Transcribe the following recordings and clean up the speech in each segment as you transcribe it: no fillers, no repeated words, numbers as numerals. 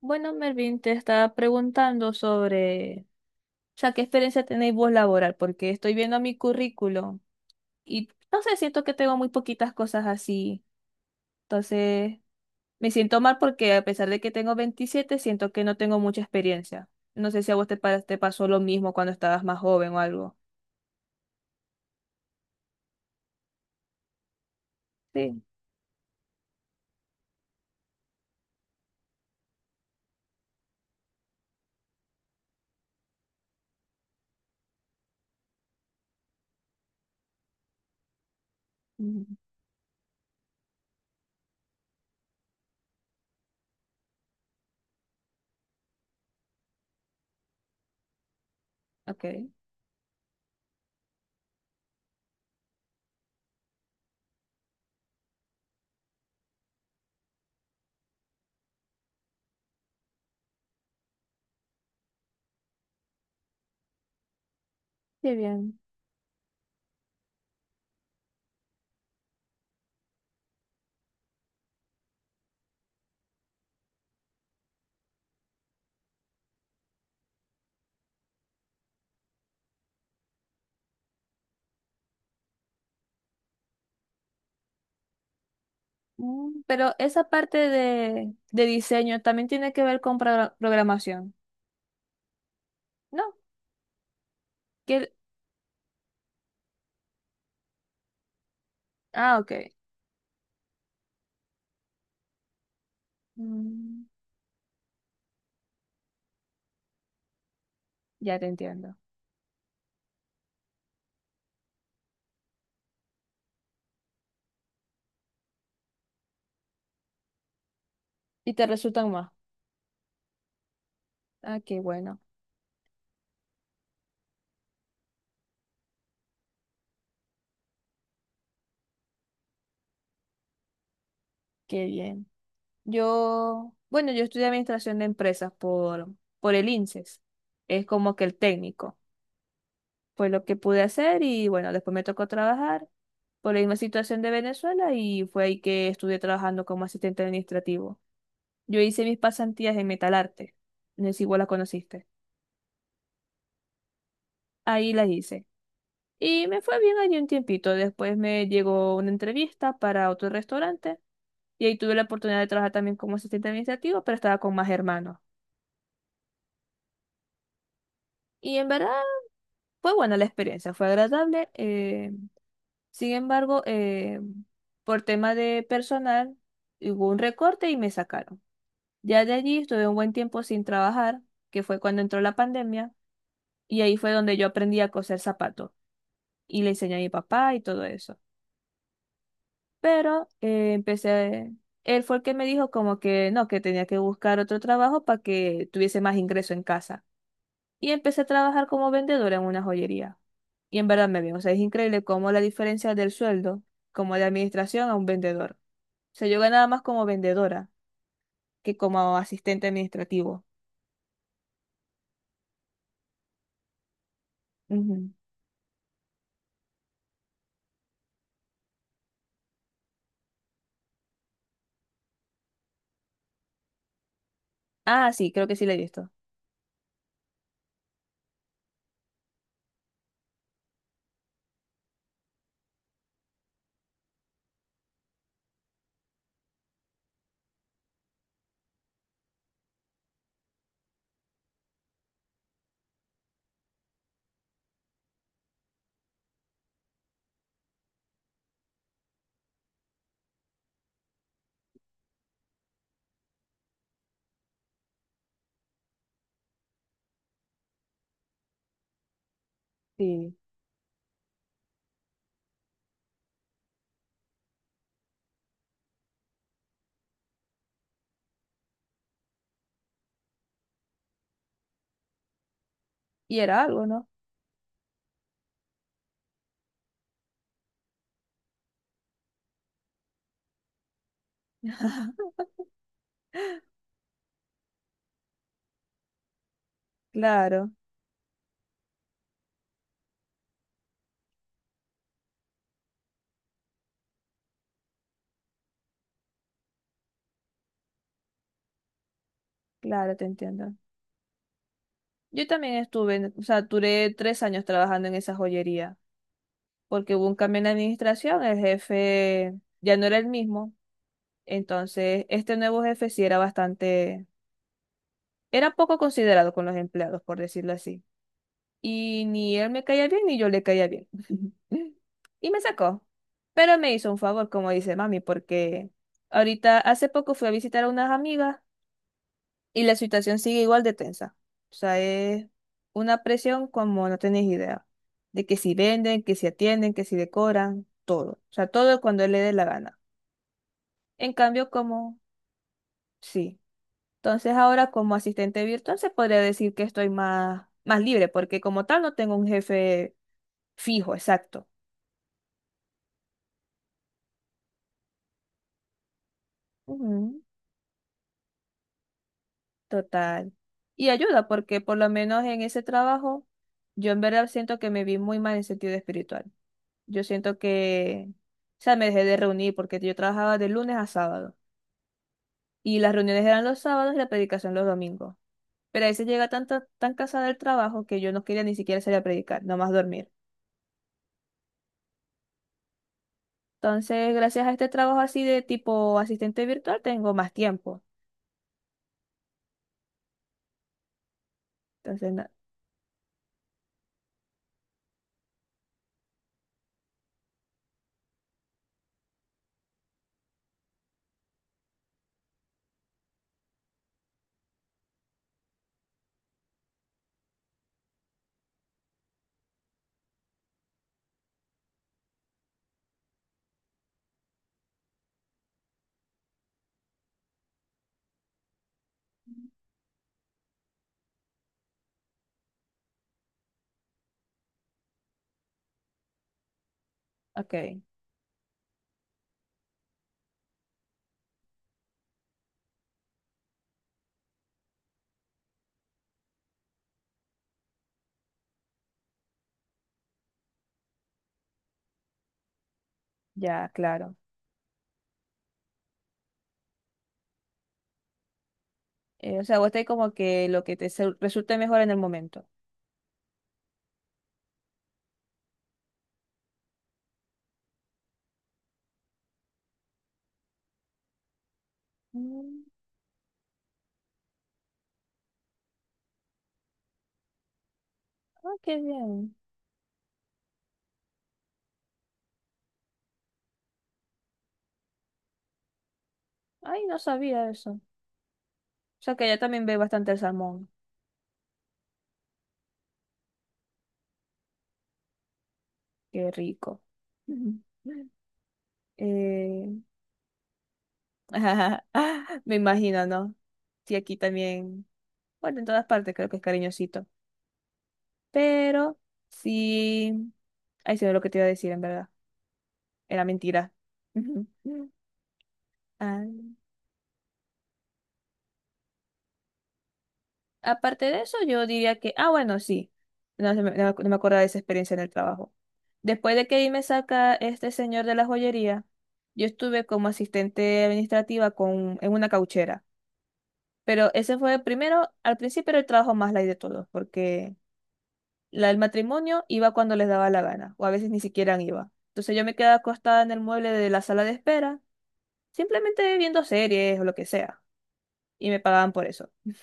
Bueno, Mervin, te estaba preguntando sobre, o sea, ¿qué experiencia tenéis vos laboral? Porque estoy viendo mi currículum y no sé, siento que tengo muy poquitas cosas así. Entonces, me siento mal porque a pesar de que tengo 27 siento que no tengo mucha experiencia. No sé si a vos te pasó lo mismo cuando estabas más joven o algo. Sí. Mm. Ok. Sí, bien. Mm. Pero esa parte de diseño también tiene que ver con programación, ¿no? Que- Ah, ok. Mm. Ya te entiendo. Y te resultan más. Ah, qué bueno, qué bien. Yo, bueno, yo estudié administración de empresas por el INSES. Es como que el técnico. Fue lo que pude hacer y bueno, después me tocó trabajar por la misma situación de Venezuela y fue ahí que estuve trabajando como asistente administrativo. Yo hice mis pasantías en Metalarte. No sé si vos las conociste. Ahí las hice. Y me fue bien allí un tiempito. Después me llegó una entrevista para otro restaurante. Y ahí tuve la oportunidad de trabajar también como asistente administrativo, pero estaba con más hermanos. Y en verdad fue buena la experiencia, fue agradable. Sin embargo, por tema de personal, hubo un recorte y me sacaron. Ya de allí estuve un buen tiempo sin trabajar, que fue cuando entró la pandemia, y ahí fue donde yo aprendí a coser zapatos y le enseñé a mi papá y todo eso. Pero él fue el que me dijo como que no, que tenía que buscar otro trabajo para que tuviese más ingreso en casa. Y empecé a trabajar como vendedora en una joyería. Y en verdad me vino, o sea, es increíble cómo la diferencia del sueldo, como de administración a un vendedor. O sea, yo ganaba más como vendedora que como asistente administrativo. Ujú. Ah, sí, creo que sí le he visto. Sí. Y era algo, ¿no? Claro, claro, te entiendo. Yo también estuve, o sea, duré 3 años trabajando en esa joyería, porque hubo un cambio en la administración, el jefe ya no era el mismo, entonces este nuevo jefe sí era bastante. Era poco considerado con los empleados, por decirlo así. Y ni él me caía bien, ni yo le caía bien. Y me sacó. Pero me hizo un favor, como dice mami, porque ahorita hace poco fui a visitar a unas amigas y la situación sigue igual de tensa. O sea, es una presión como no tenés idea. De que si venden, que si atienden, que si decoran, todo. O sea, todo cuando él le dé la gana. En cambio, como, sí. Entonces ahora como asistente virtual se podría decir que estoy más, más libre, porque como tal no tengo un jefe fijo, exacto. Ujú. Total. Y ayuda, porque por lo menos en ese trabajo yo en verdad siento que me vi muy mal en sentido espiritual. Yo siento que, o sea, me dejé de reunir porque yo trabajaba de lunes a sábado y las reuniones eran los sábados y la predicación los domingos. Pero a veces llega tanto, tan cansada del trabajo que yo no quería ni siquiera salir a predicar, nomás dormir. Entonces, gracias a este trabajo así de tipo asistente virtual, tengo más tiempo. Entonces, ok, ya, claro. O sea, vos tenés como que lo que te resulte mejor en el momento. Mm, ah, qué bien. Ay, no sabía eso. O sea, que allá también ve bastante el salmón. Qué rico. Ujú. Eh, me imagino, ¿no? Sí, aquí también. Bueno, en todas partes creo que es cariñosito. Pero sí. Ay, se ve lo que te iba a decir, en verdad. Era mentira. Ah, aparte de eso, yo diría que, ah, bueno, sí, no, no me acuerdo de esa experiencia en el trabajo. Después de que ahí me saca este señor de la joyería, yo estuve como asistente administrativa con, en una cauchera. Pero ese fue el primero, al principio era el trabajo más light de todos, porque la del matrimonio iba cuando les daba la gana, o a veces ni siquiera iba. Entonces yo me quedaba acostada en el mueble de la sala de espera, simplemente viendo series o lo que sea, y me pagaban por eso.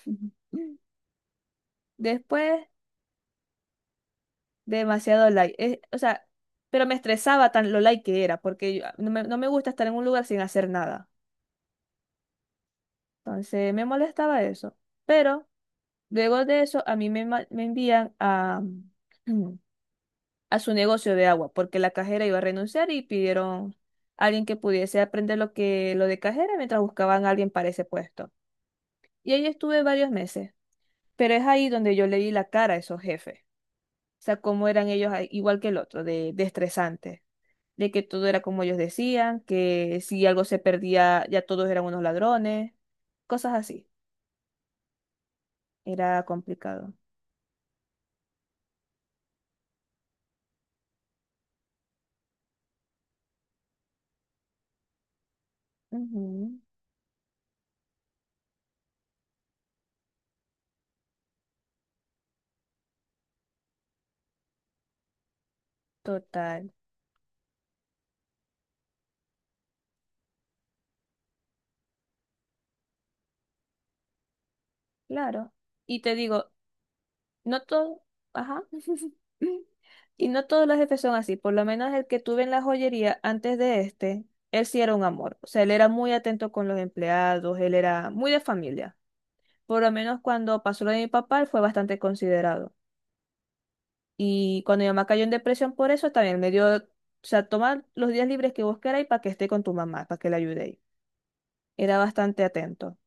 Después demasiado like. O sea, pero me estresaba tan lo like que era, porque ah, no me gusta estar en un lugar sin hacer nada. Entonces me molestaba eso. Pero luego de eso, a mí me envían a, a su negocio de agua, porque la cajera iba a renunciar y pidieron a alguien que pudiese aprender lo que lo de cajera mientras buscaban a alguien para ese puesto. Y ahí estuve varios meses, pero es ahí donde yo le di la cara a esos jefes. O sea, cómo eran ellos, ahí, igual que el otro, de estresante, de que todo era como ellos decían, que si algo se perdía ya todos eran unos ladrones, cosas así. Era complicado. Ujú. Total. Claro. Y te digo, no todo, ajá. Y no todos los jefes son así, por lo menos el que tuve en la joyería antes de este, él sí era un amor, o sea, él era muy atento con los empleados, él era muy de familia. Por lo menos cuando pasó lo de mi papá, él fue bastante considerado. Y cuando mi mamá cayó en depresión por eso, también me dio, o sea, toma los días libres que vos queráis para que esté con tu mamá, para que la ayudéis. Era bastante atento.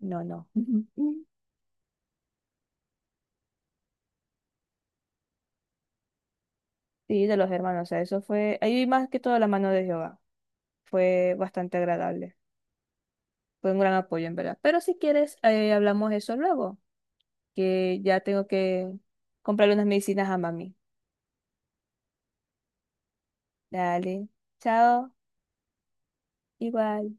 No, no. Sí, de los hermanos, o sea, eso fue, ahí más que todo la mano de Jehová. Fue bastante agradable. Fue un gran apoyo, en verdad. Pero si quieres, hablamos eso luego, que ya tengo que comprarle unas medicinas a mami. Dale. Chao. Igual.